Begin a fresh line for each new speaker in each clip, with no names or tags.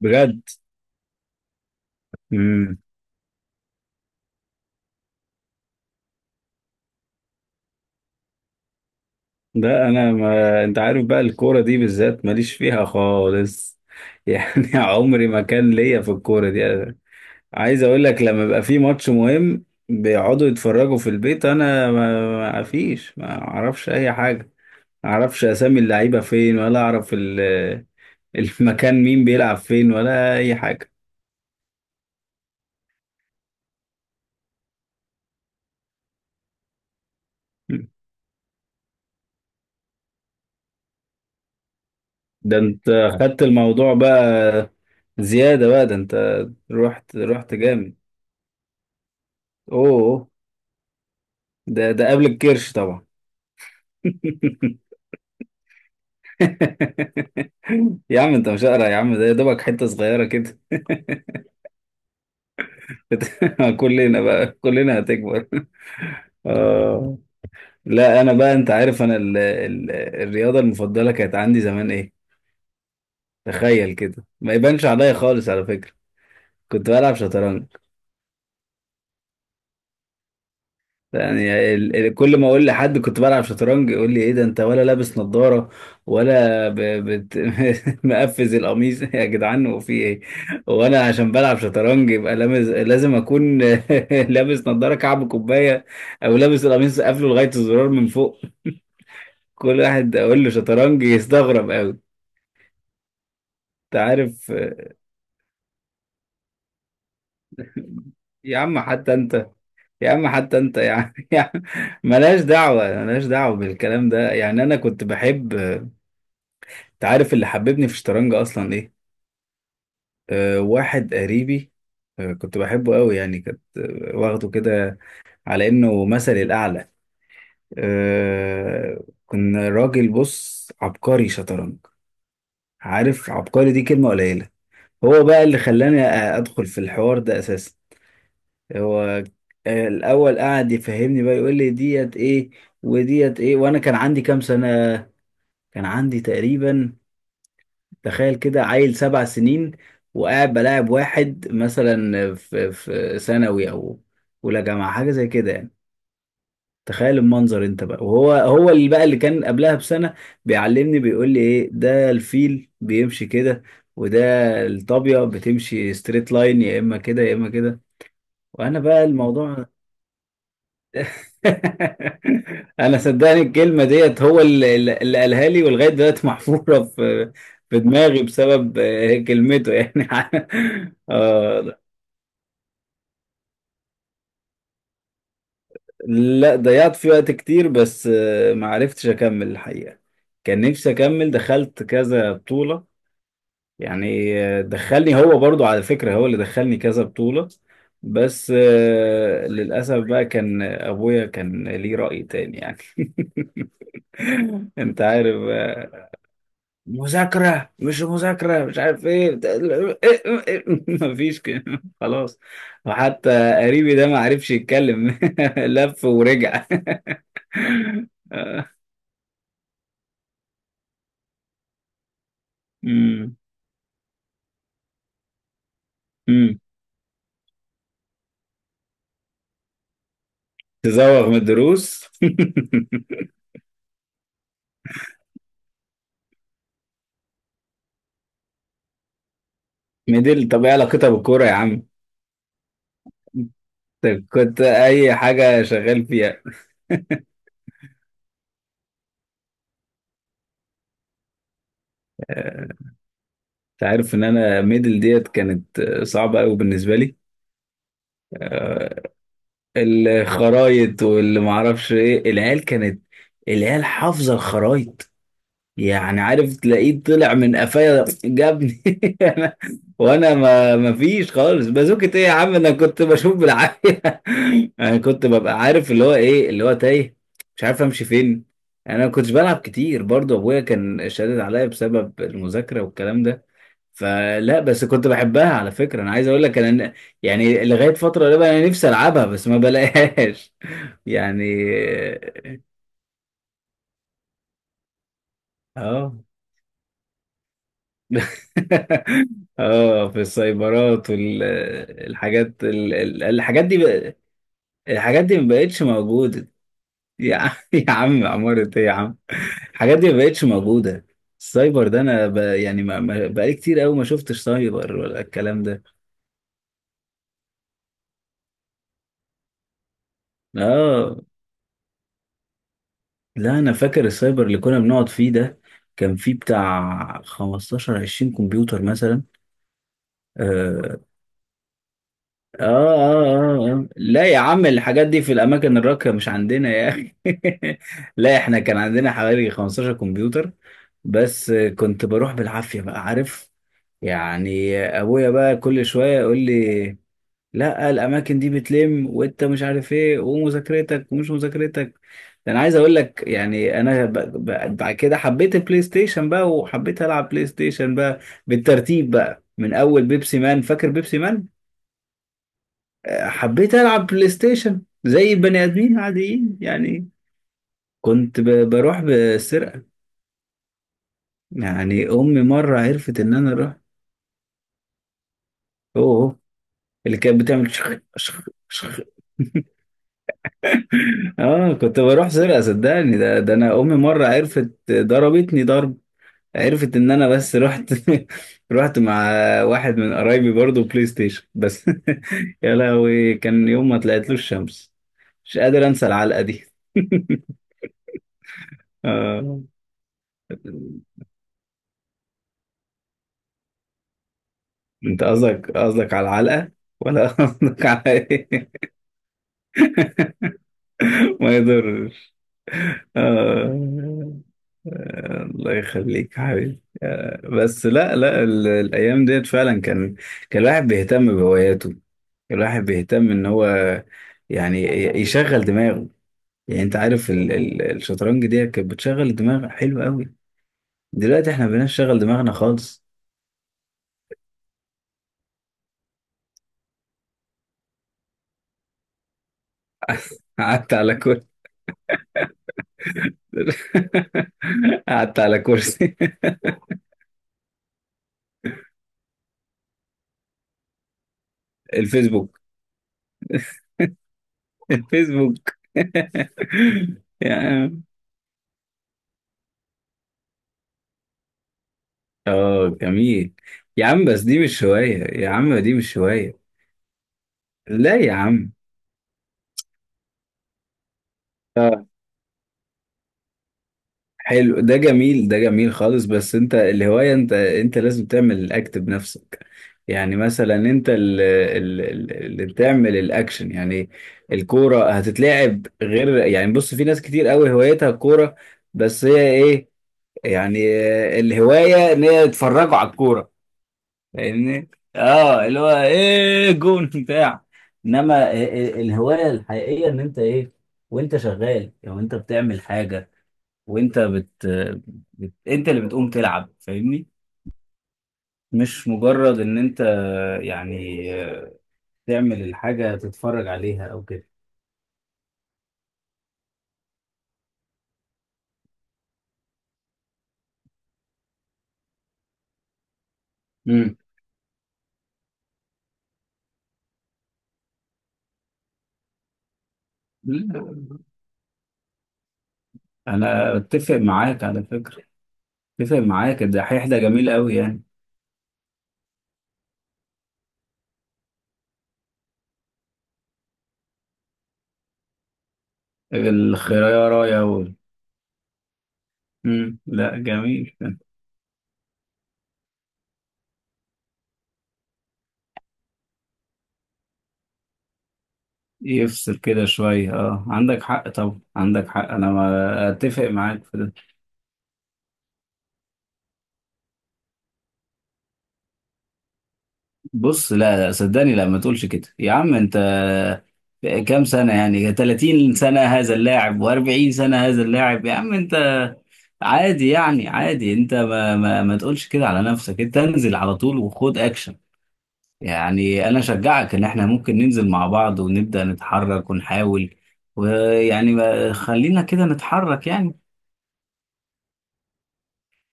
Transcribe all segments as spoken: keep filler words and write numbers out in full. بجد. امم ده انا، ما انت عارف بقى الكوره دي بالذات ماليش فيها خالص يعني عمري ما كان ليا في الكوره دي. أنا عايز اقول لك لما بيبقى في ماتش مهم بيقعدوا يتفرجوا في البيت، انا ما ما فيش، ما اعرفش اي حاجه، ما اعرفش اسامي اللعيبه فين، ولا اعرف ال- المكان مين بيلعب فين، ولا اي حاجه. ده انت خدت الموضوع بقى زياده بقى، ده انت رحت رحت جامد. اوه، ده ده قبل الكرش طبعا. يا عم انت مش قارع يا عم، ده يا دوبك حتة صغيرة كده. كلنا بقى، كلنا هتكبر. آه. لا انا بقى، انت عارف انا ال ال الرياضة المفضلة كانت عندي زمان ايه؟ تخيل كده، ما يبانش عليا خالص على فكرة، كنت بلعب شطرنج. يعني ال- ال- كل ما اقول لحد كنت بلعب شطرنج يقول لي ايه ده، انت ولا لابس نظارة؟ ولا ب... بت... مقفز القميص يا جدعان، وفي ايه؟ وانا عشان بلعب شطرنج يبقى لامز... لازم اكون لابس نظارة كعب كوباية، او لابس القميص قافله لغاية الزرار من فوق. كل واحد اقول له شطرنج يستغرب قوي. انت عارف، يا عم حتى انت، يا عم حتى انت يا عم، يا عم ملهاش دعوة، ملهاش دعوة بالكلام ده. يعني انا كنت بحب، انت عارف اللي حببني في الشطرنج اصلا ايه؟ أه واحد قريبي، أه كنت بحبه قوي، يعني كنت آه، واخده كده على انه مثلي الاعلى. أه، كنا راجل بص، عبقري شطرنج، عارف عبقري دي كلمة قليلة. هو بقى اللي خلاني أ- ادخل في الحوار ده اساسا. هو آه، الاول قعد يفهمني بقى، يقول لي ديت ايه وديت ايه. وانا كان عندي كام سنة؟ كان عندي تقريبا، تخيل كده، عيل سبع سنين، وقاعد بلاعب واحد مثلا في في ثانوي، او اولى جامعه، حاجه زي كده يعني. تخيل المنظر انت بقى، وهو هو اللي بقى اللي كان قبلها بسنه، بيعلمني بيقول لي ايه ده، الفيل بيمشي كده، وده الطابيه بتمشي ستريت لاين، يا اما كده يا اما كده. وانا بقى الموضوع، انا صدقني الكلمه ديت هو اللي اللي قالها لي، ولغايه دلوقتي محفوره في في دماغي بسبب آه، كلمته يعني. آه. لا ضيعت فيه وقت كتير، بس آه، ما عرفتش اكمل الحقيقه. كان نفسي اكمل، دخلت كذا بطوله يعني. آه، دخلني هو برضو على فكره، هو اللي دخلني كذا بطوله، بس آه، للاسف بقى كان ابويا كان ليه راي تاني يعني. انت عارف، مذاكرة مش مذاكرة مش عارف ايه بت- مفيش كده خلاص. وحتى قريبي ده ما عرفش يتكلم لف ورجع. امم امم تزوغ من الدروس. ميدل، طب ايه علاقتها بالكورة يا عم؟ طب كنت اي حاجة شغال فيها؟ آه، انت عارف ان انا ميدل ديت كانت آه، صعبة قوي بالنسبة لي. الخرايط واللي معرفش ايه، العيال كانت العيال حافظة الخرايط. يعني عارف تلاقيه طلع من قفايا جابني أنا- وانا ما ما فيش خالص، بازوكة ايه يا عم؟ انا كنت بشوف بالعافيه. انا كنت ببقى عارف اللي هو ايه، اللي هو تايه مش عارف امشي فين. يعني انا ما كنتش بلعب كتير برضو، ابويا كان شادد عليا بسبب المذاكره والكلام ده. فلا، بس كنت بحبها على فكره، انا عايز اقول لك انا ن- يعني لغايه فتره قريبه انا نفسي العبها، بس ما بلاقيهاش. يعني اه. اه، في السايبرات والحاجات، الحاجات دي بق- الحاجات دي ما بقتش موجودة يا عم. يا عم عمارة ايه يا عم؟ الحاجات دي ما بقتش موجودة. السايبر ده انا ب... يعني ما... ما... بقالي كتير قوي ما شفتش سايبر، ولا الكلام ده. اه، لا انا فاكر السايبر اللي كنا بنقعد فيه ده، كان فيه بتاع خمستاشر عشرين كمبيوتر مثلا. آه، آه, آه, آه, آه. لا يا عم الحاجات دي في الأماكن الراقية، مش عندنا يا أخي. لا إحنا كان عندنا حوالي خمستاشر كمبيوتر، بس كنت بروح بالعافية بقى، عارف يعني؟ أبويا بقى كل شوية يقول لي لا الأماكن دي بتلم، وأنت مش عارف إيه، ومذاكرتك ومش مذاكرتك. ده أنا عايز أقول لك، يعني أنا ب- ب- بعد كده حبيت البلاي ستيشن بقى، وحبيت ألعب بلاي ستيشن بقى بالترتيب بقى، من أول بيبسي مان، فاكر بيبسي؟ حبيت ألعب بلاي ستيشن زي البني آدمين عاديين يعني. كنت ب- بروح بسرقة. يعني أمي مرة عرفت إن أنا أروح. أوه، اللي كانت بتعمل شخ شخ شخ. آه، كنت بروح سرقة صدقني، ده ده أنا أمي مرة عرفت ضربتني ضرب. عرفت إن أنا بس رحت، رحت مع واحد من قرايبي برضه بلاي ستيشن بس. يا لهوي، كان يوم ما طلعتلوش الشمس، مش قادر أنسى العلقة دي. آه. انت قصدك قصدك على العلقة، ولا قصدك على ايه؟ ما يضرش. آه. آه، الله يخليك يا حبيبي، آه، بس لا لا ال- الايام ديت فعلا كان، كان الواحد بيهتم بهواياته، كان الواحد بيهتم ان هو يعني ي- يشغل دماغه. يعني انت عارف ال- ال- الشطرنج دي كانت بتشغل الدماغ حلو قوي. دلوقتي احنا مبقيناش نشغل دماغنا خالص. قعدت على كرسي. قعدت على كرسي. الفيسبوك، الفيسبوك. يا عم اه جميل، يا عم بس دي مش هواية يا عم، دي مش هواية. لا يا عم. اه حلو ده جميل، ده جميل خالص، بس انت الهواية، انت انت لازم تعمل الاكت بنفسك. يعني مثلا انت اللي، اللي بتعمل الاكشن يعني. الكورة هتتلعب غير، يعني بص في ناس كتير قوي هوايتها الكورة، بس هي ايه؟ يعني آه، الهواية ان هي يتفرجوا على الكورة، فاهمني؟ اه اللي هو ايه جون بتاع. انما ال- ال- الهوايه الحقيقيه ان انت ايه؟ وانت شغال، او انت بتعمل حاجه، وانت بت... بت... انت اللي بتقوم تلعب، فاهمني؟ مش مجرد ان انت يعني تعمل الحاجه تتفرج عليها او كده. امم انا اتفق معاك على فكره، اتفق معاك الدحيح ده جميل قوي يعني. الخيرايه رايه و... مم. لا جميل. يفصل كده شوية، اه عندك حق طبعا، عندك حق انا ما اتفق معاك في ده. بص لا لا صدقني، لا ما تقولش كده يا عم انت. كام سنة يعني؟ 30 سنة هذا اللاعب، و40 سنة هذا اللاعب، يا عم انت عادي يعني، عادي. انت ما, ما, ما تقولش كده على نفسك، انت انزل على طول وخد اكشن. يعني انا اشجعك ان احنا ممكن ننزل مع بعض، ونبدأ نتحرك ونحاول، ويعني ما- خلينا كده نتحرك يعني.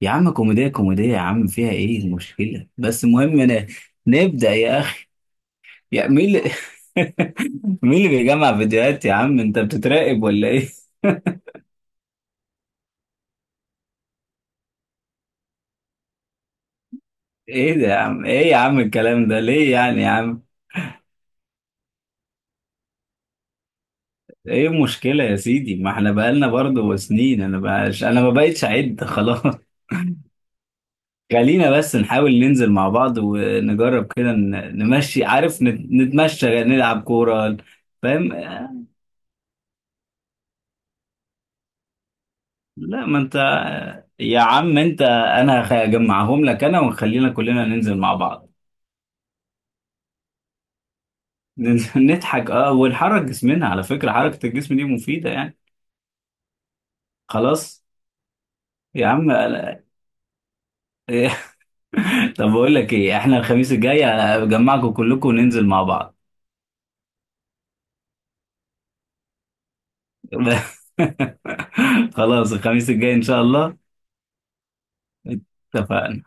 يا عم كوميديا، كوميديا يا عم، فيها ايه المشكلة؟ بس المهم انا نبدأ يا اخي. يا مين اللي، مين اللي بيجمع فيديوهات يا عم؟ انت بتتراقب ولا ايه؟ ايه ده يا عم، ايه يا عم الكلام ده ليه يعني يا عم؟ ايه المشكلة يا سيدي؟ ما احنا بقالنا برضه سنين، انا بقاش انا ما بقتش اعد خلاص. خلينا بس نحاول ننزل مع بعض، ونجرب كده ن- نمشي، عارف نت- نتمشى نلعب كورة. فاهم؟ لا ما انت، يا عم انت انا هخ- هجمعهم لك انا، وخلينا كلنا ننزل مع بعض. ننزل نضحك اه، ونحرك جسمنا، على فكرة حركة الجسم دي مفيدة يعني. خلاص. يا عم لا. طب بقول لك ايه، احنا الخميس الجاي هجمعكم كلكم، وننزل مع بعض. خلاص الخميس الجاي ان شاء الله. اتفقنا.